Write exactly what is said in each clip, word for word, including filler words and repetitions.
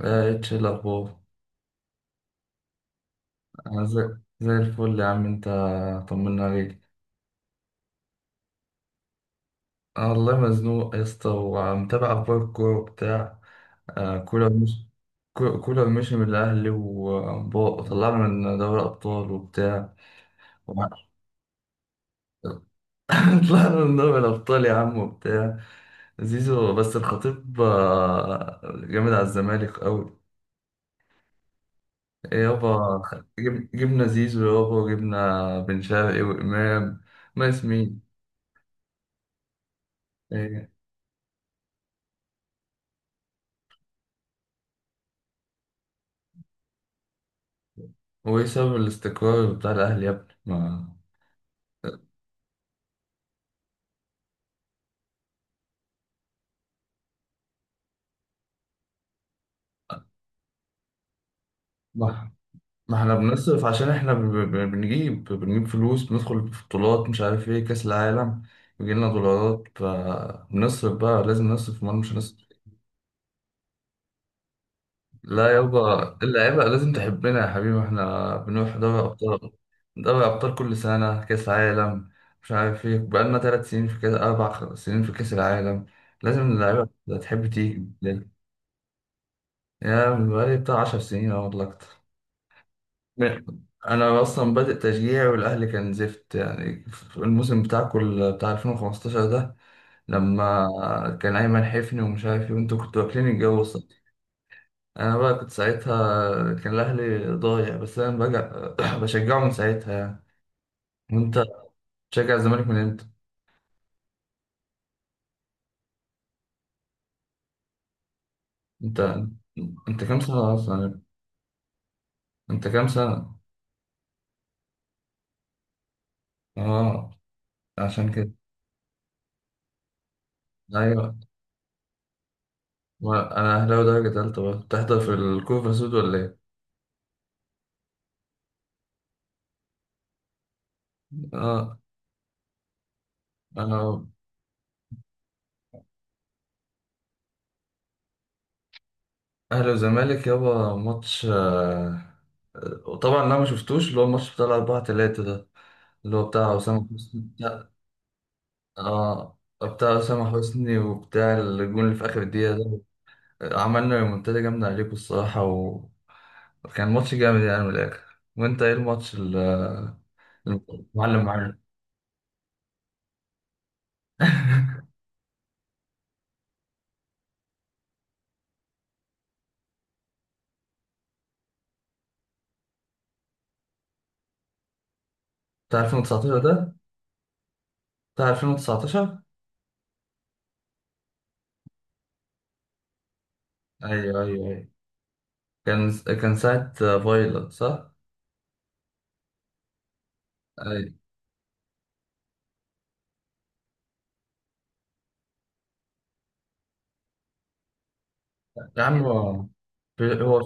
آه، اتش، إيه الاخبار؟ انا زي زي الفل يا عم انت. طمنا عليك. انا والله مزنوق يا اسطى، ومتابع اخبار الكوره بتاع كولر، مش كو- كولر مشي من الاهلي، وطلعنا من دوري الابطال وبتاع ومع- طلعنا من دوري الابطال يا عم، وبتاع زيزو، بس الخطيب آه، جامد على الزمالك قوي. يابا، خ- جب- جبنا زيزو يابا، وجبنا بن شرقي وامام. ما اسمين. وايه سبب الاستقرار بتاع الاهلي يا ابني؟ ما ما ما احنا بنصرف، عشان احنا ب- ب- بنجيب بنجيب فلوس، بندخل في بطولات، مش عارف ايه، كاس العالم. بيجي لنا دولارات، فبنصرف بقى. لازم نصرف، امال مش هنصرف؟ لا يابا، اللعيبه لازم تحبنا يا حبيبي. احنا بنروح دوري ابطال، دوري ابطال كل سنه، كاس عالم. مش عارف ايه، بقالنا ثلاث سنين في كاس، اربع خ- سنين في كاس العالم. لازم اللعيبه تحب تيجي. يا من؟ بقالي بتاع 10 سنين أو والله اكتر. م- انا اصلا بادئ تشجيع، والاهلي كان زفت يعني في الموسم بتاعكم، ال- بتاع ألفين وخمسة عشر ده. لما كان ايمن حفني ومش عارف ايه، وانتوا كنتوا واكلين الجو اصلا. انا بقى كنت ساعتها، كان الاهلي ضايع، بس انا بقى بشجعه من ساعتها يعني. وانت بتشجع الزمالك من امتى؟ انت انت كام سنه اصلا؟ انت كام سنه؟ اه، عشان كده. ايوه، ما انا اهلاوي درجه تالته بقى، بتحضر في الكوفه سود ولا ايه؟ اه. انا، اهلي وزمالك يابا ماتش، آه، وطبعا انا ما شفتوش اللي هو الماتش بتاع الأربعة تلاتة ده، اللي هو بتاع أسامة حسني بتاع. اه، بتاع أسامة حسني وبتاع الجون اللي في آخر الدقيقة ده. آه، عملنا ريمونتادا جامدة عليكم الصراحة، و- وكان ماتش جامد يعني من الآخر. وأنت إيه الماتش ال- آه، المعلم معلم؟ بتاع ألفين وتسعتاشر ده. بتاع ألفين وتسعتاشر. أيوه أيوه أيوه. كان كان ساعة فايلر صح؟ أيوه يا عم. هو هو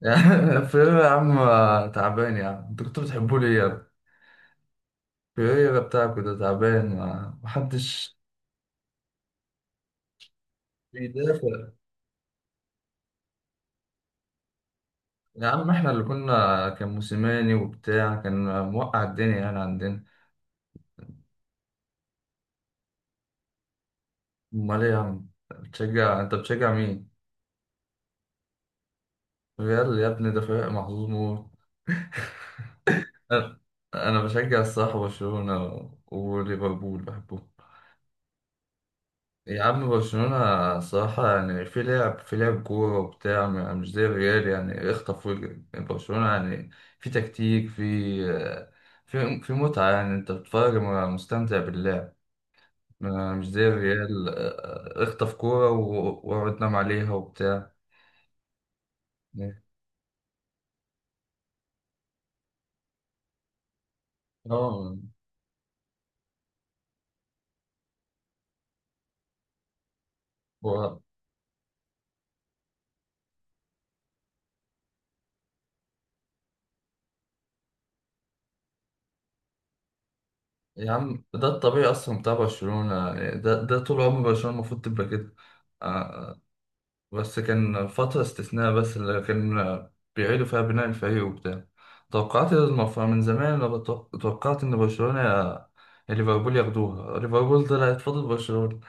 يعني. في ايه يا عم؟ تعبان يا عم، انتوا كنتوا بتحبوا لي يا ابني؟ في ايه يا بتاعكوا ده تعبان، ما- محدش بيدافع. يا عم احنا اللي كنا، كان موسيماني وبتاع، كان موقع الدنيا يعني عندنا. امال ايه يا عم؟ بتشجع، انت بتشجع مين؟ ريال؟ يا ابني ده فريق محظوظ موت. انا أنا بشجع الصراحة برشلونة، وليفربول بحبهم. يا عم برشلونة صراحة يعني، في لعب، في لعب كورة وبتاع، م- مش زي الريال يعني، اخطف واجري، يعني برشلونة يعني. في تكتيك، في في في متعة يعني. انت بتتفرج م- مستمتع باللعب. م- مش زي الريال، اه، اخطف كورة و- واقعد نام عليها وبتاع. اه. هو يا عم ده الطبيعي اصلا بتاع برشلونة يعني، ده ده طول عمر برشلونة المفروض تبقى كده. آه، بس كان فترة استثناء، بس اللي كان بيعيدوا فيها بناء الفريق وبتاع. توقعت المفروض من زمان، أنا بتوق- توقعت إن برشلونة، يا يا ليفربول ياخدوها. ليفربول طلعت فاضل برشلونة.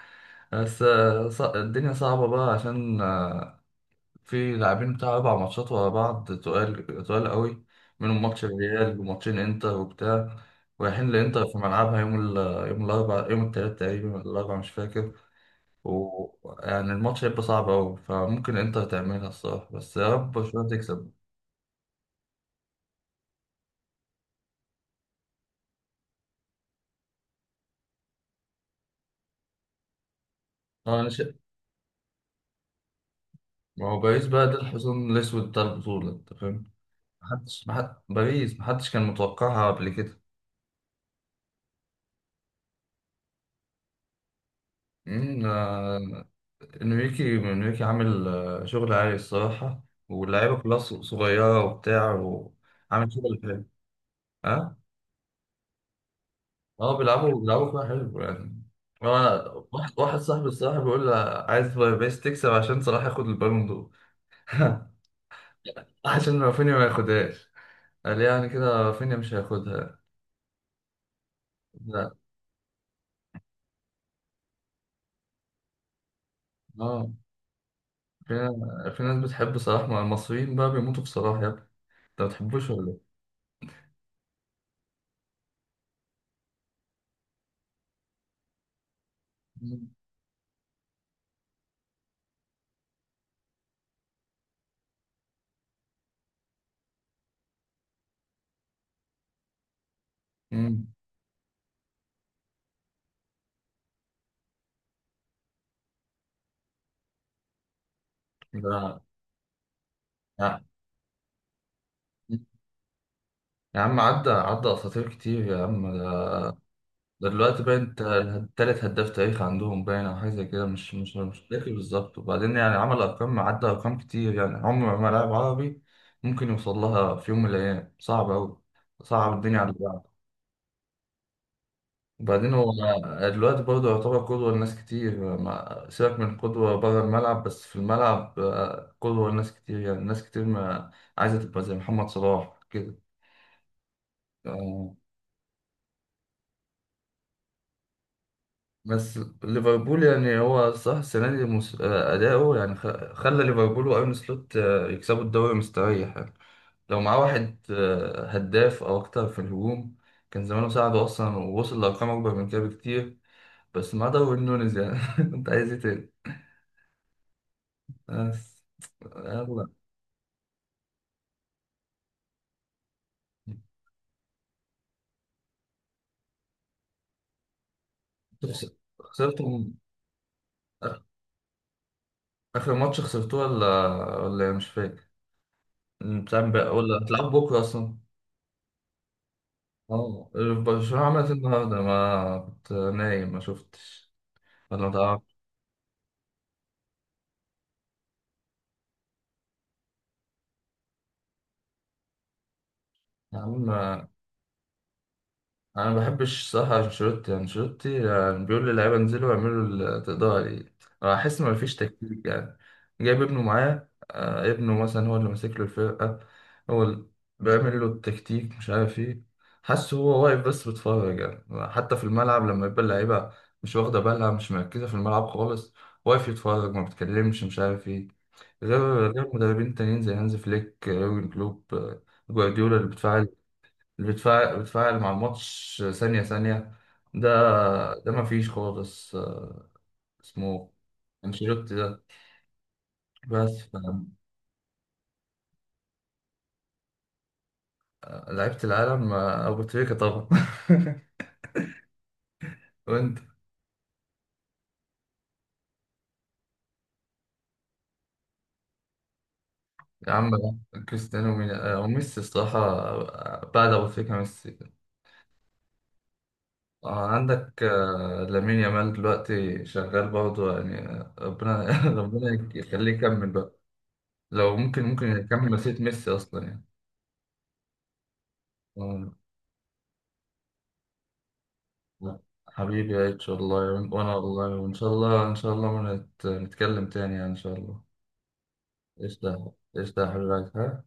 بس آه، ص- الدنيا صعبة بقى، عشان آه، في لاعبين بتاع أربع ماتشات ورا بعض، تقال تقال قوي. منهم ماتش الريال وماتشين إنتر وبتاع. رايحين لإنتر في ملعبها يوم ال يوم الأربع، يوم التلات تقريبا ولا الأربع، مش فاكر. ويعني الماتش هيبقى صعب أوي، فممكن إنتر تعملها الصراحة، بس يا رب برشلونة تكسب. أه، أنا شايف، ما هو باريس بقى ده الحصان الأسود بتاع البطولة أنت فاهم. محدش محد... باريس محدش كان متوقعها قبل كده. أمم، آه، إنريكي إنريكي عامل آه، شغل عالي الصراحة. واللعيبة كلها ص- صغيرة وبتاع، وعامل شغل حلو. أه أه. بيلعبوا بيلعبوا كورة حلو يعني. أنا، واحد واحد صاحبي الصراحة بيقول لي عايز باريس تكسب عشان صلاح ياخد البالون دور. عشان رافينيا ما ياخدهاش. قال يعني كده رافينيا مش هياخدها. لا، اه. في في ناس بتحب صلاح، مع المصريين بقى بيموتوا في صلاح يا ابني. انت ما بتحبوش ولا ايه؟ مم. مم. لا، لا. يا عم، عدى عدى اساطير كتير يا عم. ده ده دلوقتي باين انت تالت هداف تاريخ عندهم، باين او حاجه زي كده، مش مش مش فاكر بالظبط. وبعدين يعني، عمل ارقام، عدى ارقام كتير، يعني عمر ما لاعب عربي ممكن يوصل لها في يوم من الايام، صعب قوي. صعب الدنيا على. وبعدين هو دلوقتي برضه يعتبر قدوة لناس كتير، ما سيبك من قدوة بره الملعب، بس في الملعب آه، قدوة لناس كتير يعني، ناس كتير ما عايزة تبقى زي محمد صلاح كده. آه، بس ليفربول يعني، هو صح السنة دي مس- آه، أداؤه يعني خ- خلى ليفربول وأرن سلوت آه، يكسبوا الدوري مستريح يعني. لو معاه واحد آه، هداف أو أكتر في الهجوم، كان زمانه ساعده أصلا، ووصل لأرقام أكبر من كده بكتير. بس معاه داروين نونيز يعني. أنت عايز إيه تاني؟ بس خس- خسرتوا. آخ- آخر ماتش خسرتوه ولا ولا إيه؟ مش فاكر. بتلعب بقى- ولا هتلعبوا بكرة أصلا؟ اه. برشلونة عملت إيه النهاردة؟ ما كنت نايم ما شفتش، ولا ما تعرفش. يا عم انا ما بحبش صح انشيلوتي انشيلوتي يعني بيقول للعيبه انزلوا اعملوا اللي تقدروا عليه. أنا احس ما فيش تكتيك يعني، جايب ابنه معاه آه، ابنه مثلا هو اللي ماسك له الفرقه، هو اللي بيعمل له التكتيك، مش عارف ايه. حاسه هو واقف بس بيتفرج يعني، حتى في الملعب لما يبقى اللعيبه مش واخده بالها، مش مركزه في الملعب خالص. واقف يتفرج، ما بيتكلمش، مش عارف ايه، غير غير مدربين تانيين زي هانز فليك آه، يورجن كلوب آه، جوارديولا، اللي بتفاعل بتفاعل بتفاعل مع الماتش، ثانية ثانية. ده ده ما فيش خالص آه، اسمه انشيلوتي ده، بس ف- آه، لعيبة العالم، آه، أبو تريكة طبعا. وأنت؟ يا عم لا، كريستيانو مين- آه، وميسي الصراحة، آه، بعد أبو تريكة ميسي. آه، عندك آه، لامين يامال دلوقتي شغال برضه يعني، آه، ربنا ربنا يخليه يكمل بقى. لو ممكن ممكن يكمل مسيرة ميسي أصلا يعني. آه. حبيبي يا اتش والله، وإن- وانا والله، وان شاء الله ان شاء الله ما نت- نتكلم تاني يعني ان شاء الله. ايش ده، ايش ده حبيبي، ها؟